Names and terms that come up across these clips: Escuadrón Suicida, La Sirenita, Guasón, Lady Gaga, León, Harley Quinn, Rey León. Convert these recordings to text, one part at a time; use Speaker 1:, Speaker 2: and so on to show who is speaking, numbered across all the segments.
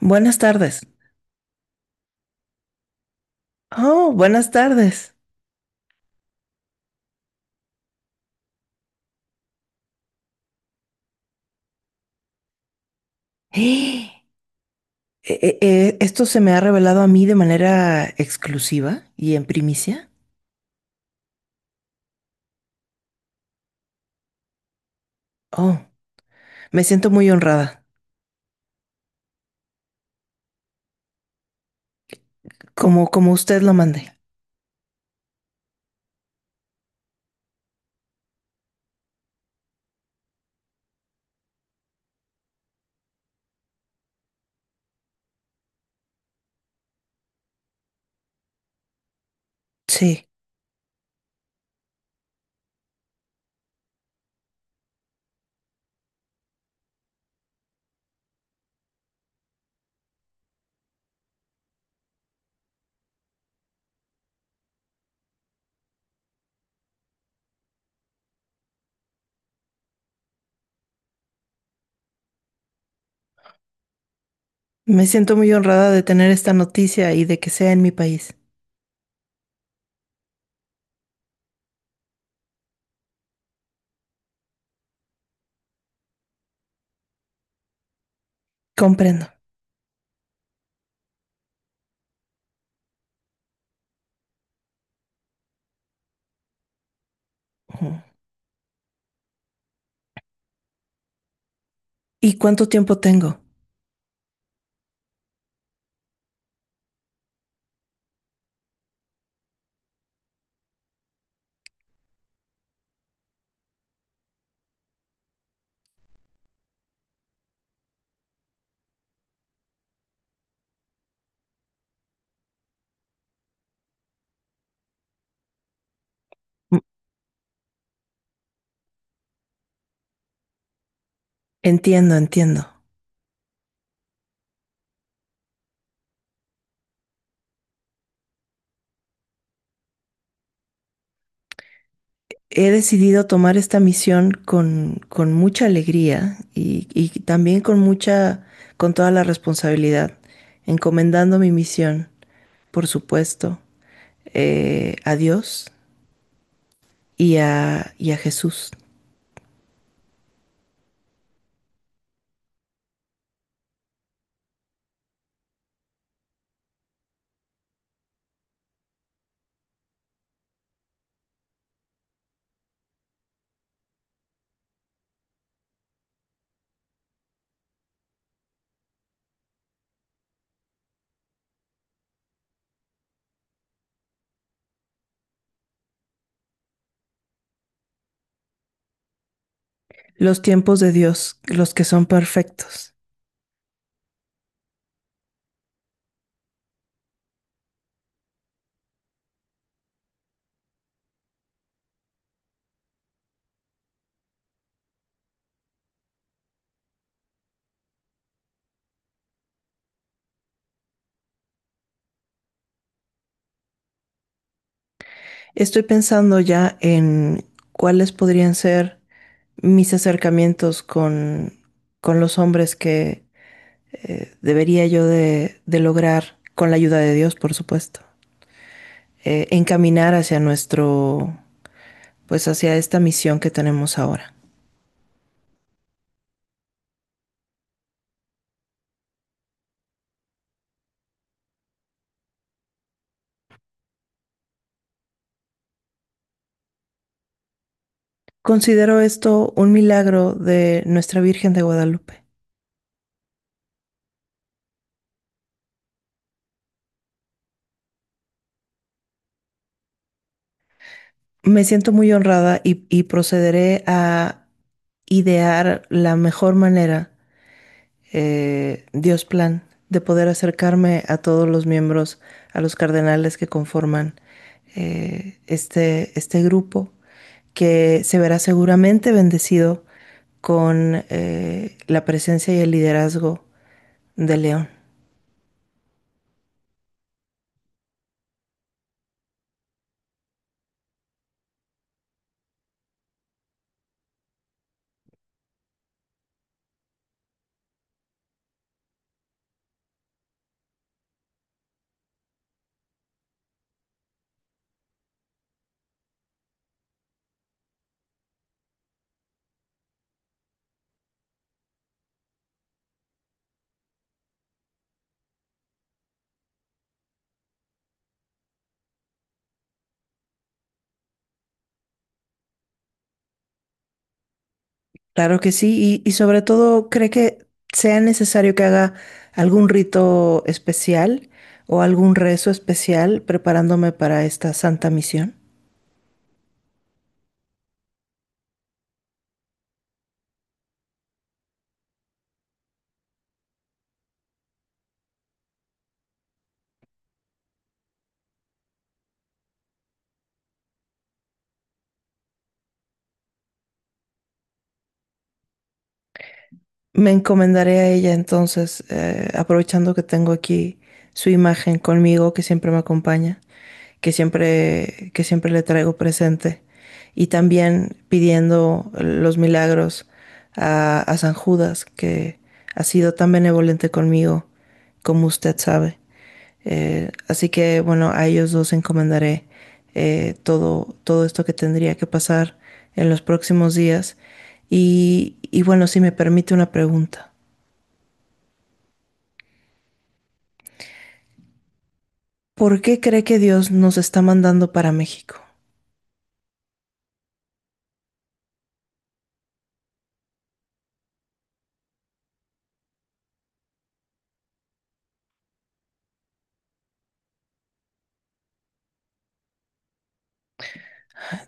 Speaker 1: Buenas tardes. Oh, buenas tardes. ¡Eh! ¿Esto se me ha revelado a mí de manera exclusiva y en primicia? Oh, me siento muy honrada, como usted lo mande. Sí, me siento muy honrada de tener esta noticia y de que sea en mi país. Comprendo. Ujú. ¿Y cuánto tiempo tengo? Mm. Entiendo, entiendo. He decidido tomar esta misión con mucha alegría y también con mucha, con toda la responsabilidad, encomendando mi misión, por supuesto, a Dios y a Jesús. Los tiempos de Dios, los que son perfectos. Estoy pensando ya en cuáles podrían ser mis acercamientos con los hombres que, debería yo de lograr, con la ayuda de Dios, por supuesto, encaminar hacia nuestro, pues hacia esta misión que tenemos ahora. Considero esto un milagro de nuestra Virgen de Guadalupe. Me siento muy honrada y procederé a idear la mejor manera, Dios plan, de poder acercarme a todos los miembros, a los cardenales que conforman, este grupo, que se verá seguramente bendecido con la presencia y el liderazgo de León. Claro que sí, y sobre todo cree que sea necesario que haga algún rito especial o algún rezo especial preparándome para esta santa misión. Me encomendaré a ella entonces, aprovechando que tengo aquí su imagen conmigo, que siempre me acompaña, que siempre le traigo presente, y también pidiendo los milagros a San Judas, que ha sido tan benevolente conmigo, como usted sabe. Así que bueno, a ellos dos encomendaré, todo, todo esto que tendría que pasar en los próximos días. Y bueno, si me permite una pregunta. ¿Por qué cree que Dios nos está mandando para México?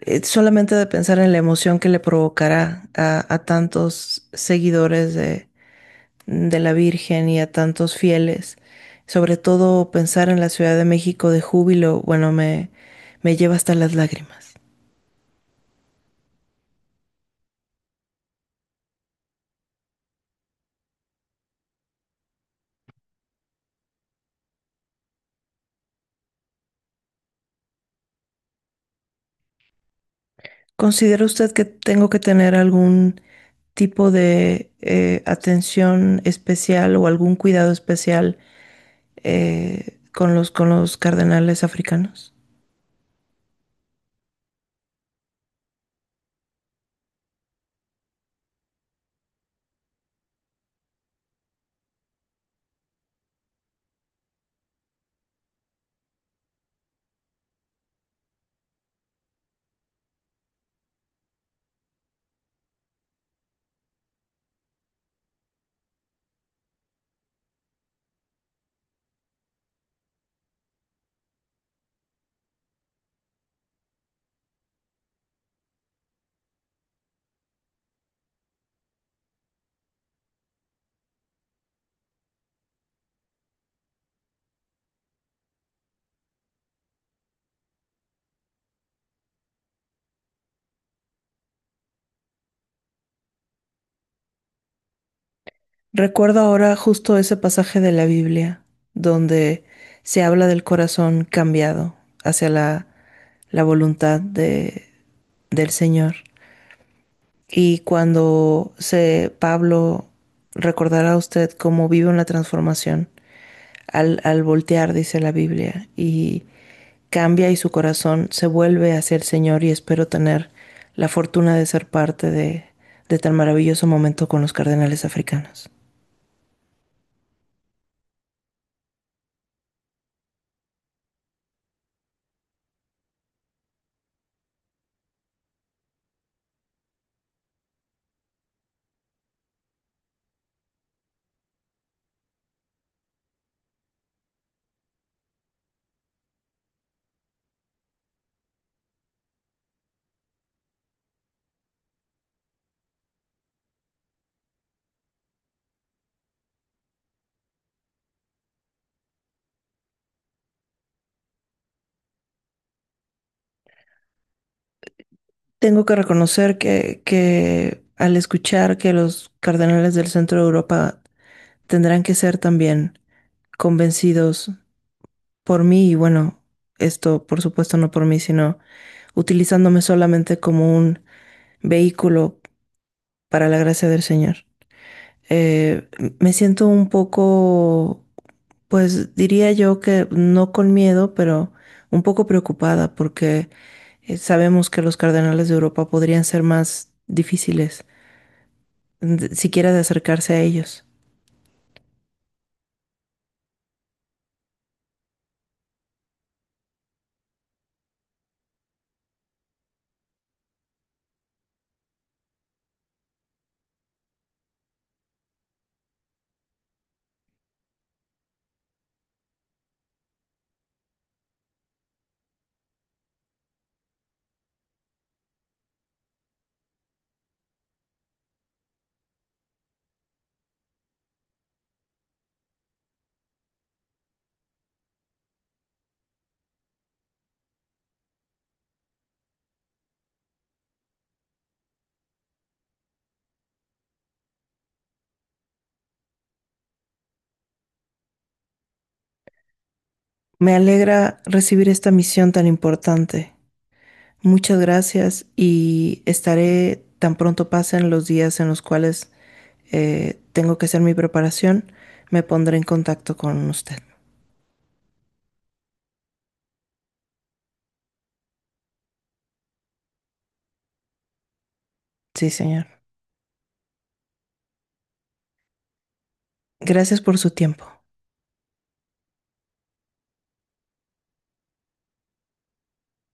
Speaker 1: Solamente de pensar en la emoción que le provocará a tantos seguidores de la Virgen y a tantos fieles, sobre todo pensar en la Ciudad de México de júbilo, bueno, me lleva hasta las lágrimas. ¿Considera usted que tengo que tener algún tipo de atención especial o algún cuidado especial con con los cardenales africanos? Recuerdo ahora justo ese pasaje de la Biblia donde se habla del corazón cambiado hacia la voluntad del Señor. Y cuando se, Pablo recordará a usted cómo vive una transformación al voltear, dice la Biblia, y cambia y su corazón se vuelve hacia el Señor, y espero tener la fortuna de ser parte de tan maravilloso momento con los cardenales africanos. Tengo que reconocer que al escuchar que los cardenales del centro de Europa tendrán que ser también convencidos por mí y bueno, esto por supuesto no por mí, sino utilizándome solamente como un vehículo para la gracia del Señor. Eh, me siento un poco, pues diría yo que no con miedo, pero un poco preocupada porque sabemos que los cardenales de Europa podrían ser más difíciles, de- siquiera de acercarse a ellos. Me alegra recibir esta misión tan importante. Muchas gracias, y estaré tan pronto pasen los días en los cuales tengo que hacer mi preparación, me pondré en contacto con usted. Sí, señor. Gracias por su tiempo.